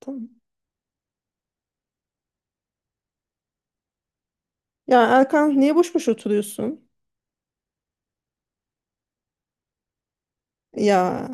Tamam. Ya Erkan niye boş boş oturuyorsun? Ya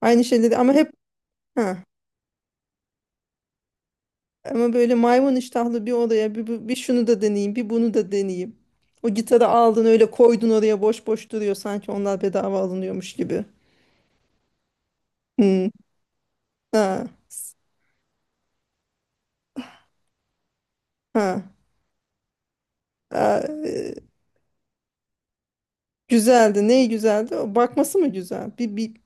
aynı şeyleri ama hep ha ama böyle maymun iştahlı bir odaya bir şunu da deneyeyim bir bunu da deneyeyim. O gitarı aldın öyle koydun oraya boş boş duruyor sanki onlar bedava alınıyormuş gibi. Hmm. Ha, ha. Ha, güzeldi. Ne güzeldi? O bakması mı güzel?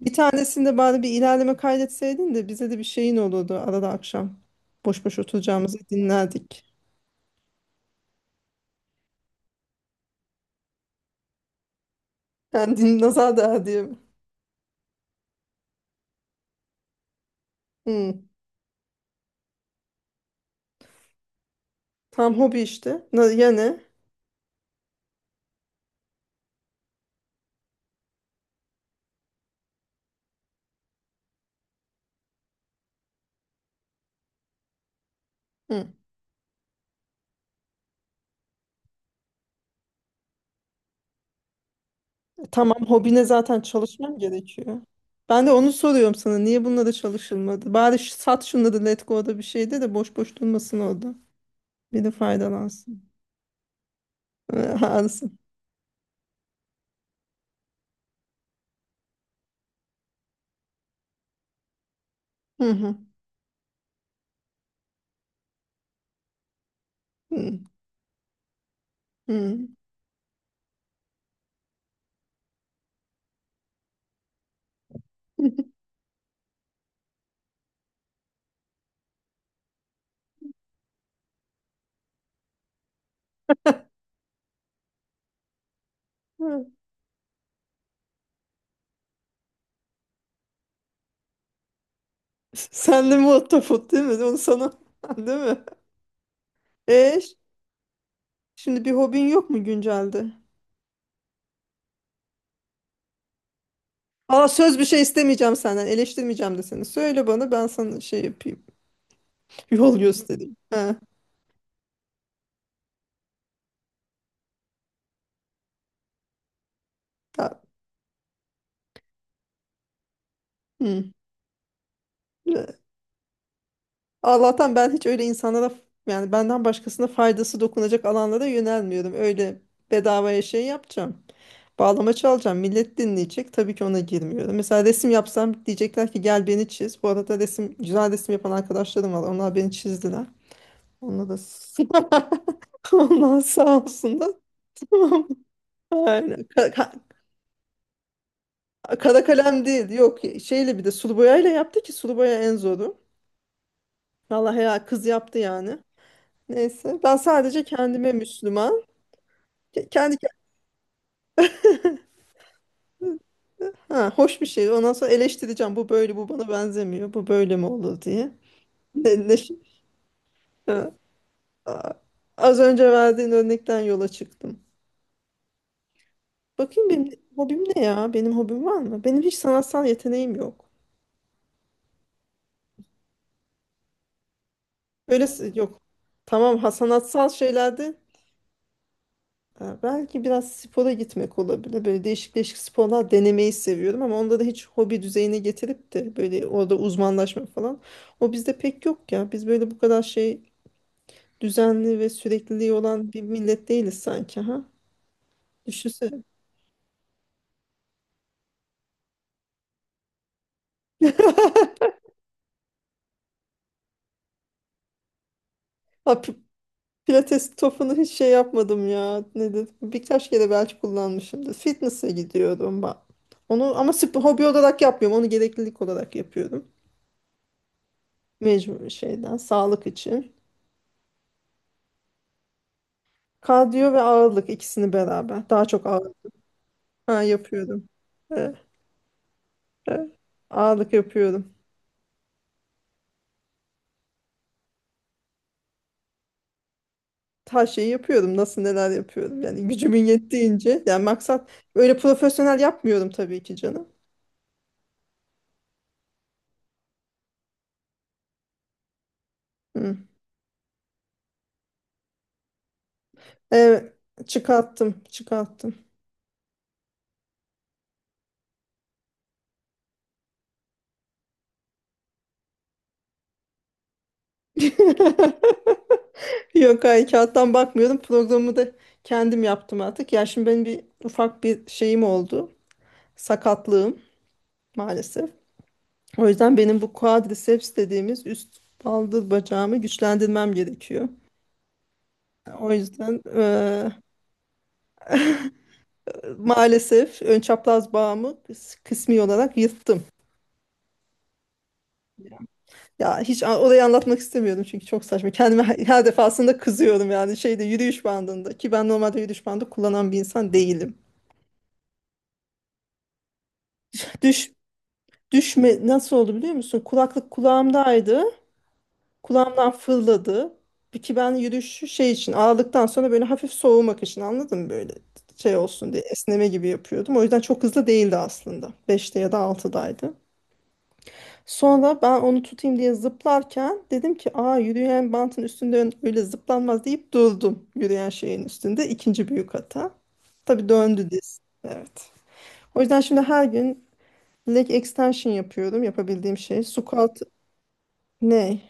Bir tanesinde bari bir ilerleme kaydetseydin de bize de bir şeyin olurdu arada akşam. Boş boş oturacağımızı dinlerdik. Yani nazar değer diye. Hmm. Tam hobi işte. Ya ne? Hı. Tamam, hobine zaten çalışmam gerekiyor. Ben de onu soruyorum sana. Niye bununla da çalışılmadı? Bari sat şunları Letgo'da, bir şeyde de boş boş durmasın orada. Biri faydalansın. Alsın. Hı hı. Hı hı. Hı. Sen de muhtafut değil mi? Onu sana. Değil mi? E, ş- şimdi bir hobin yok mu güncelde? Aa, söz, bir şey istemeyeceğim senden. Eleştirmeyeceğim de seni. Söyle bana, ben sana şey yapayım. Yol göstereyim. Ha, ta- hı. Allah'tan ben hiç öyle insanlara, yani benden başkasına faydası dokunacak alanlara yönelmiyorum. Öyle bedavaya şey yapacağım. Bağlama çalacağım. Millet dinleyecek. Tabii ki ona girmiyorum. Mesela resim yapsam diyecekler ki gel beni çiz. Bu arada resim, güzel resim yapan arkadaşlarım var. Onlar beni çizdiler. Onlar da onlar sağ olsunlar. Tamam. Aynen. Kara kalem değil. Yok, şeyle, bir de sulu boyayla yaptı ki sulu boya en zoru. Vallahi ya, kız yaptı yani. Neyse, ben sadece kendime Müslüman. Ke- Kendi ke- ha, hoş bir şey. Ondan sonra eleştireceğim. Bu böyle, bu bana benzemiyor. Bu böyle mi olur diye. Ne, ne, şey- ha, a- az önce verdiğin örnekten yola çıktım. Bakayım benim hobim ne ya? Benim hobim var mı? Benim hiç sanatsal yeteneğim yok. Öyle yok. Tamam, ha, sanatsal şeylerde ha, belki biraz spora gitmek olabilir. Böyle değişik değişik sporlar denemeyi seviyorum ama onda da hiç hobi düzeyine getirip de böyle orada uzmanlaşma falan. O bizde pek yok ya. Biz böyle bu kadar şey, düzenli ve sürekliliği olan bir millet değiliz sanki, ha. Düşünsene. Ha, pilates topunu hiç şey yapmadım ya. Nedir? Birkaç kere belki kullanmışımdır. Fitness'e gidiyordum bak. Onu ama spor, hobi olarak yapmıyorum. Onu gereklilik olarak yapıyorum. Mecbur şeyden, sağlık için. Kardiyo ve ağırlık, ikisini beraber. Daha çok ağırlık. Ha, yapıyordum. Evet, evet. Ağırlık yapıyordum. Her şeyi yapıyordum. Nasıl, neler yapıyordum. Yani gücümün yettiğince. Yani maksat, öyle profesyonel yapmıyorum tabii ki canım. Hı. Evet. Çıkarttım. Çıkarttım. Yok, hayır, kağıttan bakmıyorum. Programı da kendim yaptım artık. Ya şimdi benim bir ufak bir şeyim oldu. Sakatlığım maalesef. O yüzden benim bu quadriceps dediğimiz üst baldır bacağımı güçlendirmem gerekiyor. O yüzden, maalesef ön çapraz bağımı kısmi olarak yırttım. Ya hiç orayı anlatmak istemiyorum çünkü çok saçma. Kendime her defasında kızıyorum yani, şeyde, yürüyüş bandında ki ben normalde yürüyüş bandı kullanan bir insan değilim. Düş düşme nasıl oldu biliyor musun? Kulaklık kulağımdaydı. Kulağımdan fırladı. Bir, ki ben yürüyüşü şey için, ağırlıktan sonra böyle hafif soğumak için, anladın mı, böyle şey olsun diye esneme gibi yapıyordum. O yüzden çok hızlı değildi aslında. Beşte ya da altıdaydı. Sonra ben onu tutayım diye zıplarken dedim ki aa, yürüyen bantın üstünde öyle zıplanmaz deyip durdum yürüyen şeyin üstünde. İkinci büyük hata. Tabii döndü diz. Evet. O yüzden şimdi her gün leg extension yapıyorum, yapabildiğim şey. Squat ne?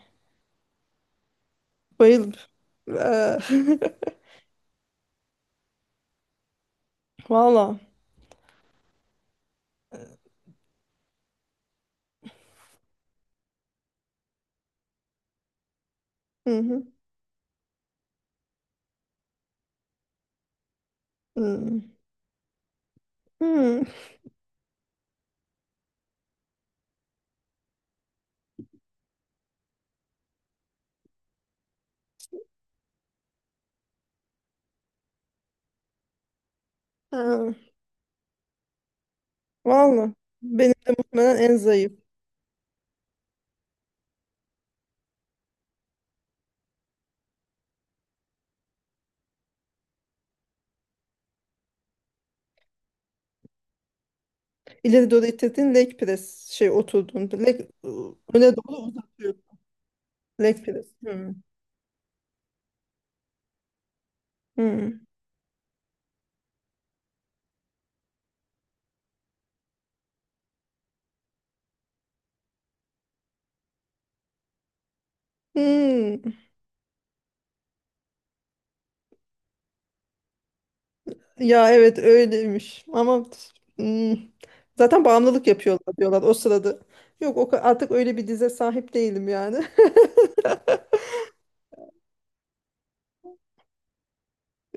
Bayıl. Eee, Valla. Hı hı. Hı. Hı. Ha. Vallahi benim de muhtemelen en zayıf. İleri doğru itirdiğin leg press, şey, oturduğun leg öne doğru uzatıyor. Leg press. Hı. Hı. Hı. Ya evet, öyleymiş ama hı. Zaten bağımlılık yapıyorlar diyorlar o sırada. Yok, o artık öyle bir dize sahip değilim yani.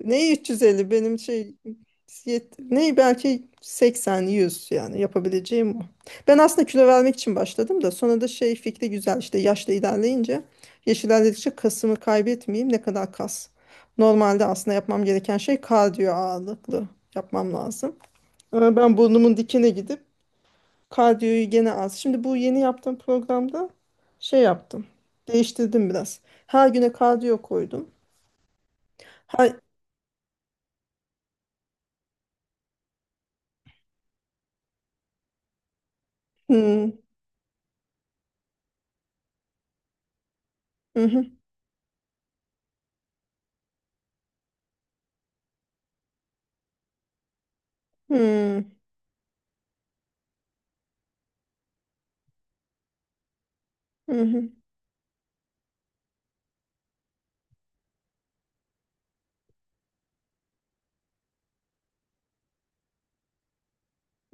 Neyi, ne 350, benim şey ne, belki 80 100, yani yapabileceğim o. Ben aslında kilo vermek için başladım da sonra da şey, fikri güzel işte, yaşla ilerleyince, yaş ilerledikçe kasımı kaybetmeyeyim, ne kadar kas. Normalde aslında yapmam gereken şey kardiyo ağırlıklı yapmam lazım. Ama ben burnumun dikine gidip kardiyoyu gene az. Şimdi bu yeni yaptığım programda şey yaptım. Değiştirdim biraz. Her güne kardiyo koydum. Her, hmm, hı hı, hmm. Hı hı,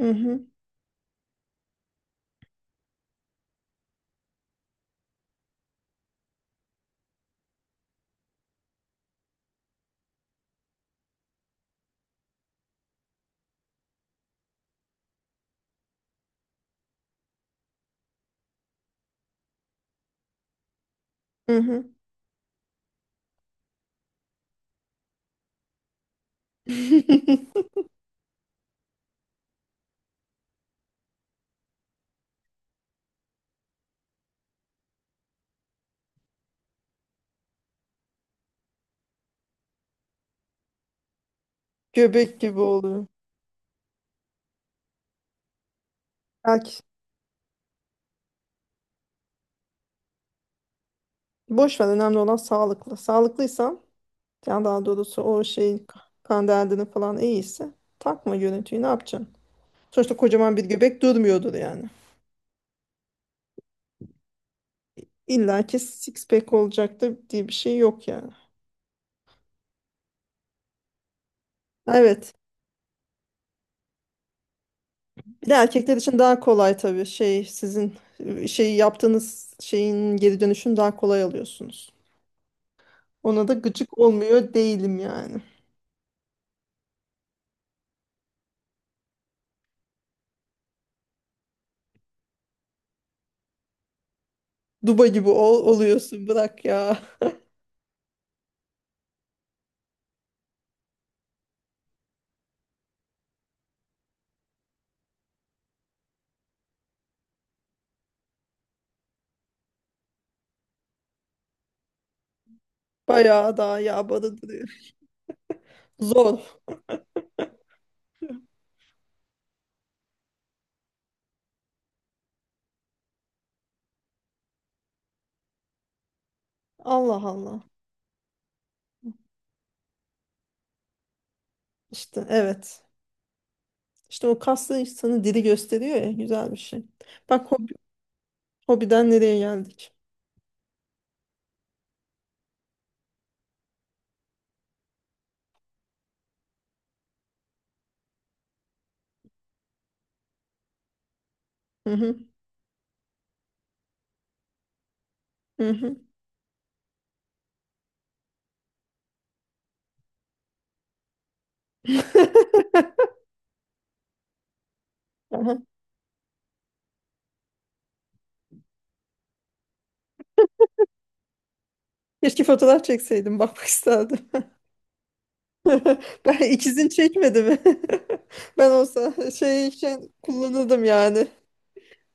hı hı, hı hı. Göbek gibi oluyor. Belki boş ver, önemli olan sağlıklı. Sağlıklıysan, yani daha doğrusu o şey, kan derdini falan iyiyse takma görüntüyü, ne yapacaksın? Sonuçta kocaman bir göbek durmuyordur yani. İlla ki six pack olacaktır diye bir şey yok yani. Evet. Bir de erkekler için daha kolay tabii, şey, sizin şey yaptığınız şeyin geri dönüşünü daha kolay alıyorsunuz. Ona da gıcık olmuyor değilim yani. Duba gibi oluyorsun, bırak ya. Bayağı daha yağmalı duruyor. Zor. Allah Allah. İşte evet. İşte o kaslı insanı diri gösteriyor ya, güzel bir şey. Bak hobi, hobiden nereye geldik. Hı hı, hı hı. Aha. Keşke fotoğraf çekseydim, bakmak isterdim. Ben, ikizin çekmedi mi? Ben olsa şey için kullanırdım yani.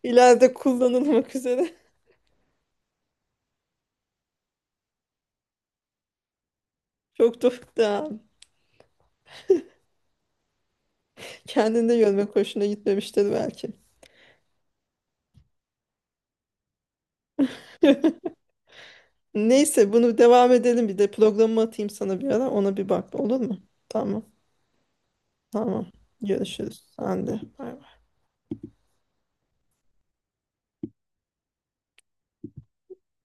İleride kullanılmak üzere. Çok tuhaf da. Kendinde görmek hoşuna gitmemiştir belki. Neyse, bunu devam edelim, bir de programımı atayım sana, bir ara ona bir bak, olur mu? Tamam, tamam, görüşürüz, sen de bay bay.